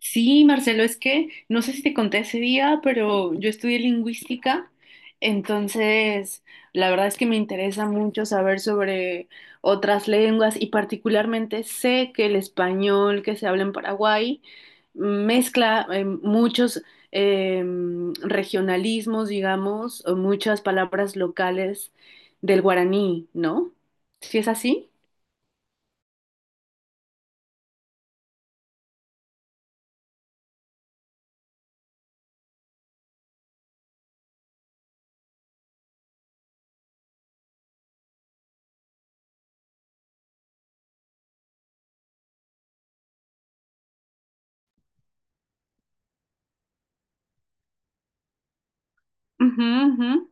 Sí, Marcelo, es que no sé si te conté ese día, pero yo estudié lingüística, entonces la verdad es que me interesa mucho saber sobre otras lenguas y particularmente sé que el español que se habla en Paraguay mezcla muchos eh, regionalismos, digamos, o muchas palabras locales del guaraní, ¿no? ¿Sí es así? Ujú, ujú.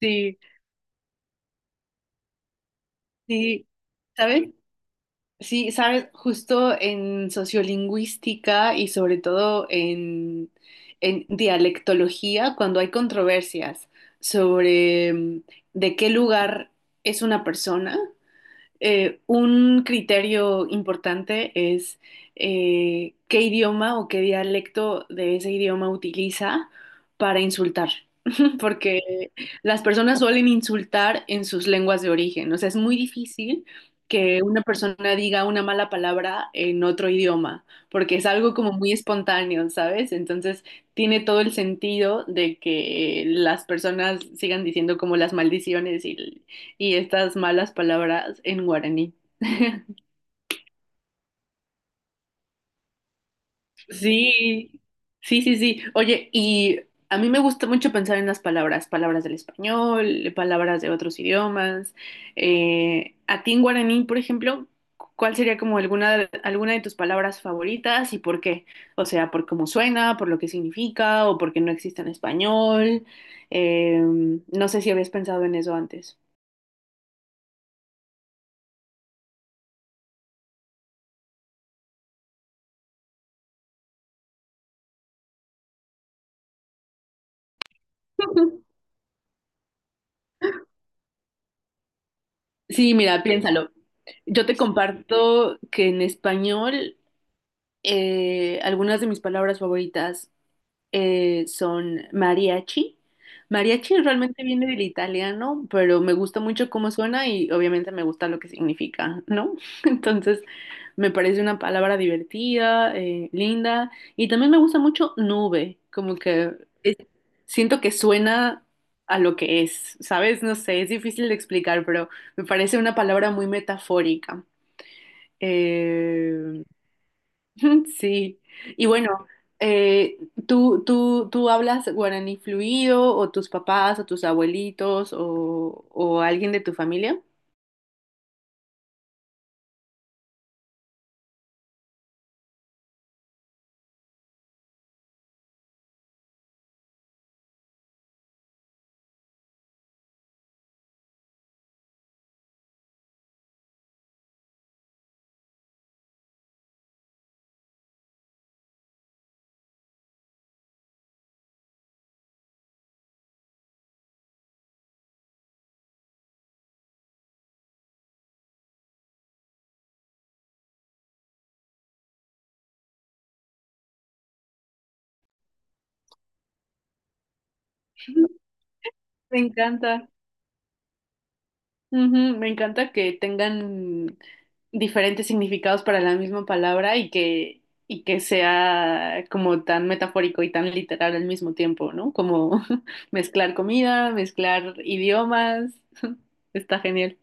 Sí, sí. ¿Sabes? Sí, sabes, justo en sociolingüística y sobre todo en dialectología, cuando hay controversias sobre de qué lugar es una persona, un criterio importante es qué idioma o qué dialecto de ese idioma utiliza para insultar, porque las personas suelen insultar en sus lenguas de origen. O sea, es muy difícil que una persona diga una mala palabra en otro idioma, porque es algo como muy espontáneo, ¿sabes? Entonces tiene todo el sentido de que las personas sigan diciendo como las maldiciones y estas malas palabras en guaraní. Sí, sí, sí, sí. Oye, y a mí me gusta mucho pensar en las palabras, palabras del español, palabras de otros idiomas. A ti en guaraní, por ejemplo, ¿cuál sería como alguna, alguna de tus palabras favoritas y por qué? O sea, por cómo suena, por lo que significa o porque no existe en español. No sé si habías pensado en eso antes. Sí, mira, piénsalo. Yo te comparto que en español algunas de mis palabras favoritas son mariachi. Mariachi realmente viene del italiano, pero me gusta mucho cómo suena y obviamente me gusta lo que significa, ¿no? Entonces, me parece una palabra divertida, linda, y también me gusta mucho nube, como que es- siento que suena a lo que es, ¿sabes? No sé, es difícil de explicar, pero me parece una palabra muy metafórica. Eh, Sí, y bueno, eh, ¿Tú hablas guaraní fluido o tus papás o tus abuelitos o alguien de tu familia? Me encanta. Ujú, me encanta que tengan diferentes significados para la misma palabra y que sea como tan metafórico y tan literal al mismo tiempo, ¿no? Como mezclar comida, mezclar idiomas. Está genial.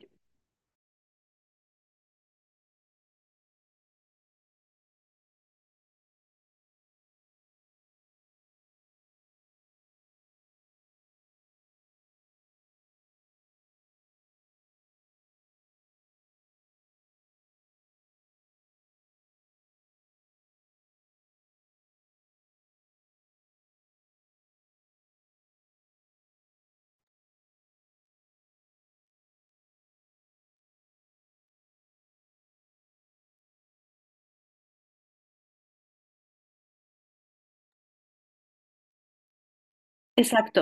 Exacto.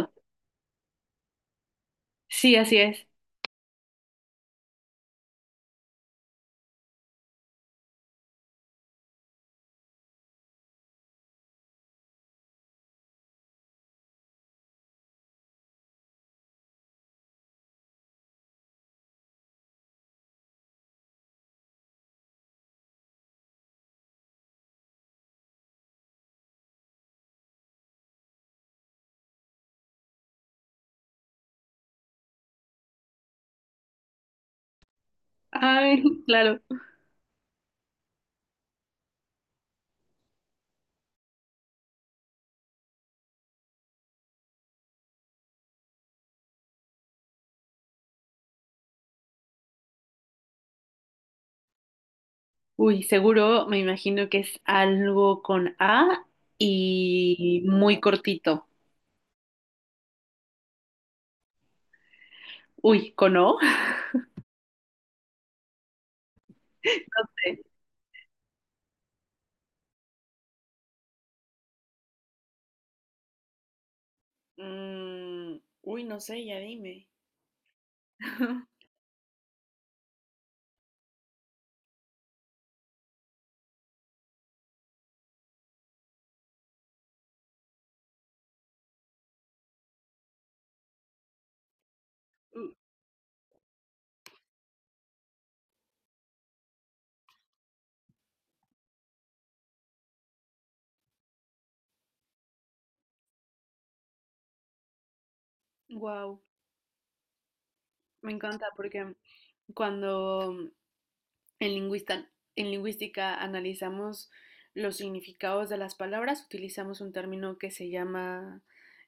Sí, así es. Ay, claro. Uy, seguro me imagino que es algo con A y muy cortito. Uy, ¿con O? Mm, uy, no sé, ya dime. Wow, me encanta porque cuando En, lingüista- en lingüística analizamos los significados de las palabras, utilizamos un término que se llama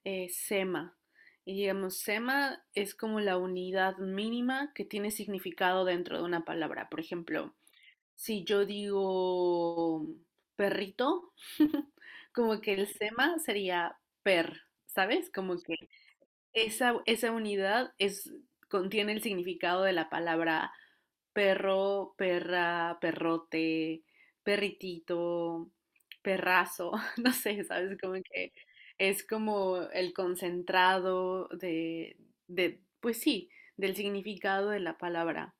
sema. Y digamos, sema es como la unidad mínima que tiene significado dentro de una palabra. Por ejemplo, si yo digo perrito, como que el sema sería per, ¿sabes? Como que esa unidad es, contiene el significado de la palabra perro, perra, perrote, perritito, perrazo, no sé, ¿sabes? Como que es como el concentrado de, pues sí, del significado de la palabra.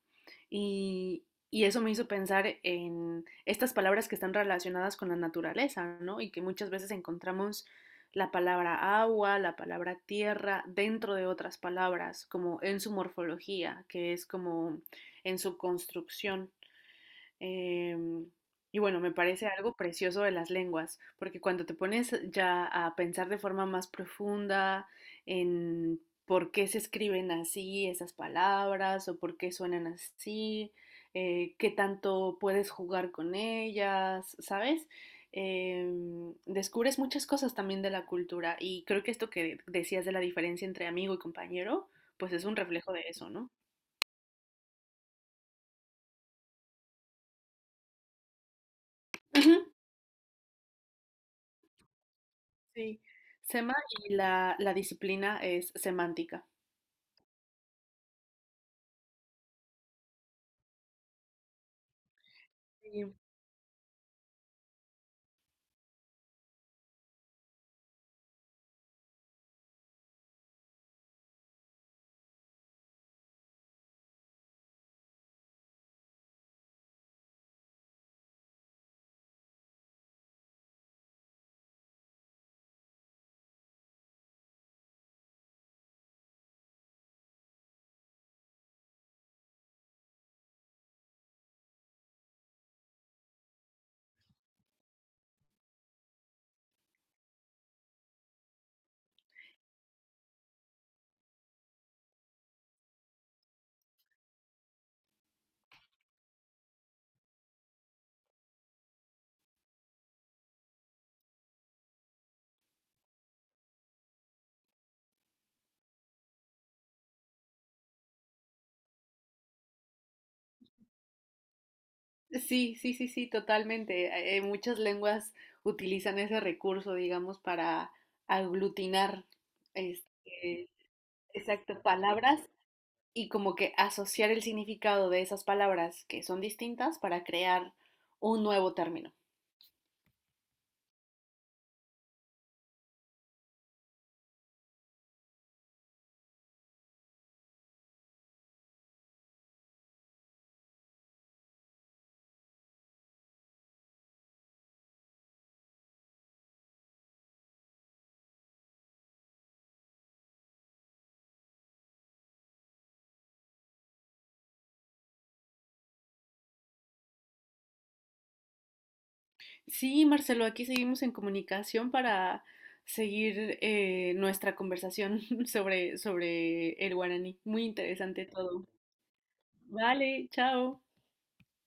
Y, y eso me hizo pensar en estas palabras que están relacionadas con la naturaleza, ¿no? Y que muchas veces encontramos la palabra agua, la palabra tierra, dentro de otras palabras, como en su morfología, que es como en su construcción. Em, y bueno, me parece algo precioso de las lenguas, porque cuando te pones ya a pensar de forma más profunda en por qué se escriben así esas palabras o por qué suenan así, qué tanto puedes jugar con ellas, ¿sabes? Em, descubres muchas cosas también de la cultura y creo que esto que decías de la diferencia entre amigo y compañero, pues es un reflejo de eso, ¿no? Ujú. Sí, sema la disciplina es semántica. Sí, sí, sí, sí, sí, totalmente. Muchas lenguas utilizan ese recurso, digamos, para aglutinar, este, exacto, palabras y como que asociar el significado de esas palabras que son distintas para crear un nuevo término. Sí, Marcelo, aquí seguimos en comunicación para seguir nuestra conversación sobre, sobre el guaraní. Muy interesante todo. Vale, chao.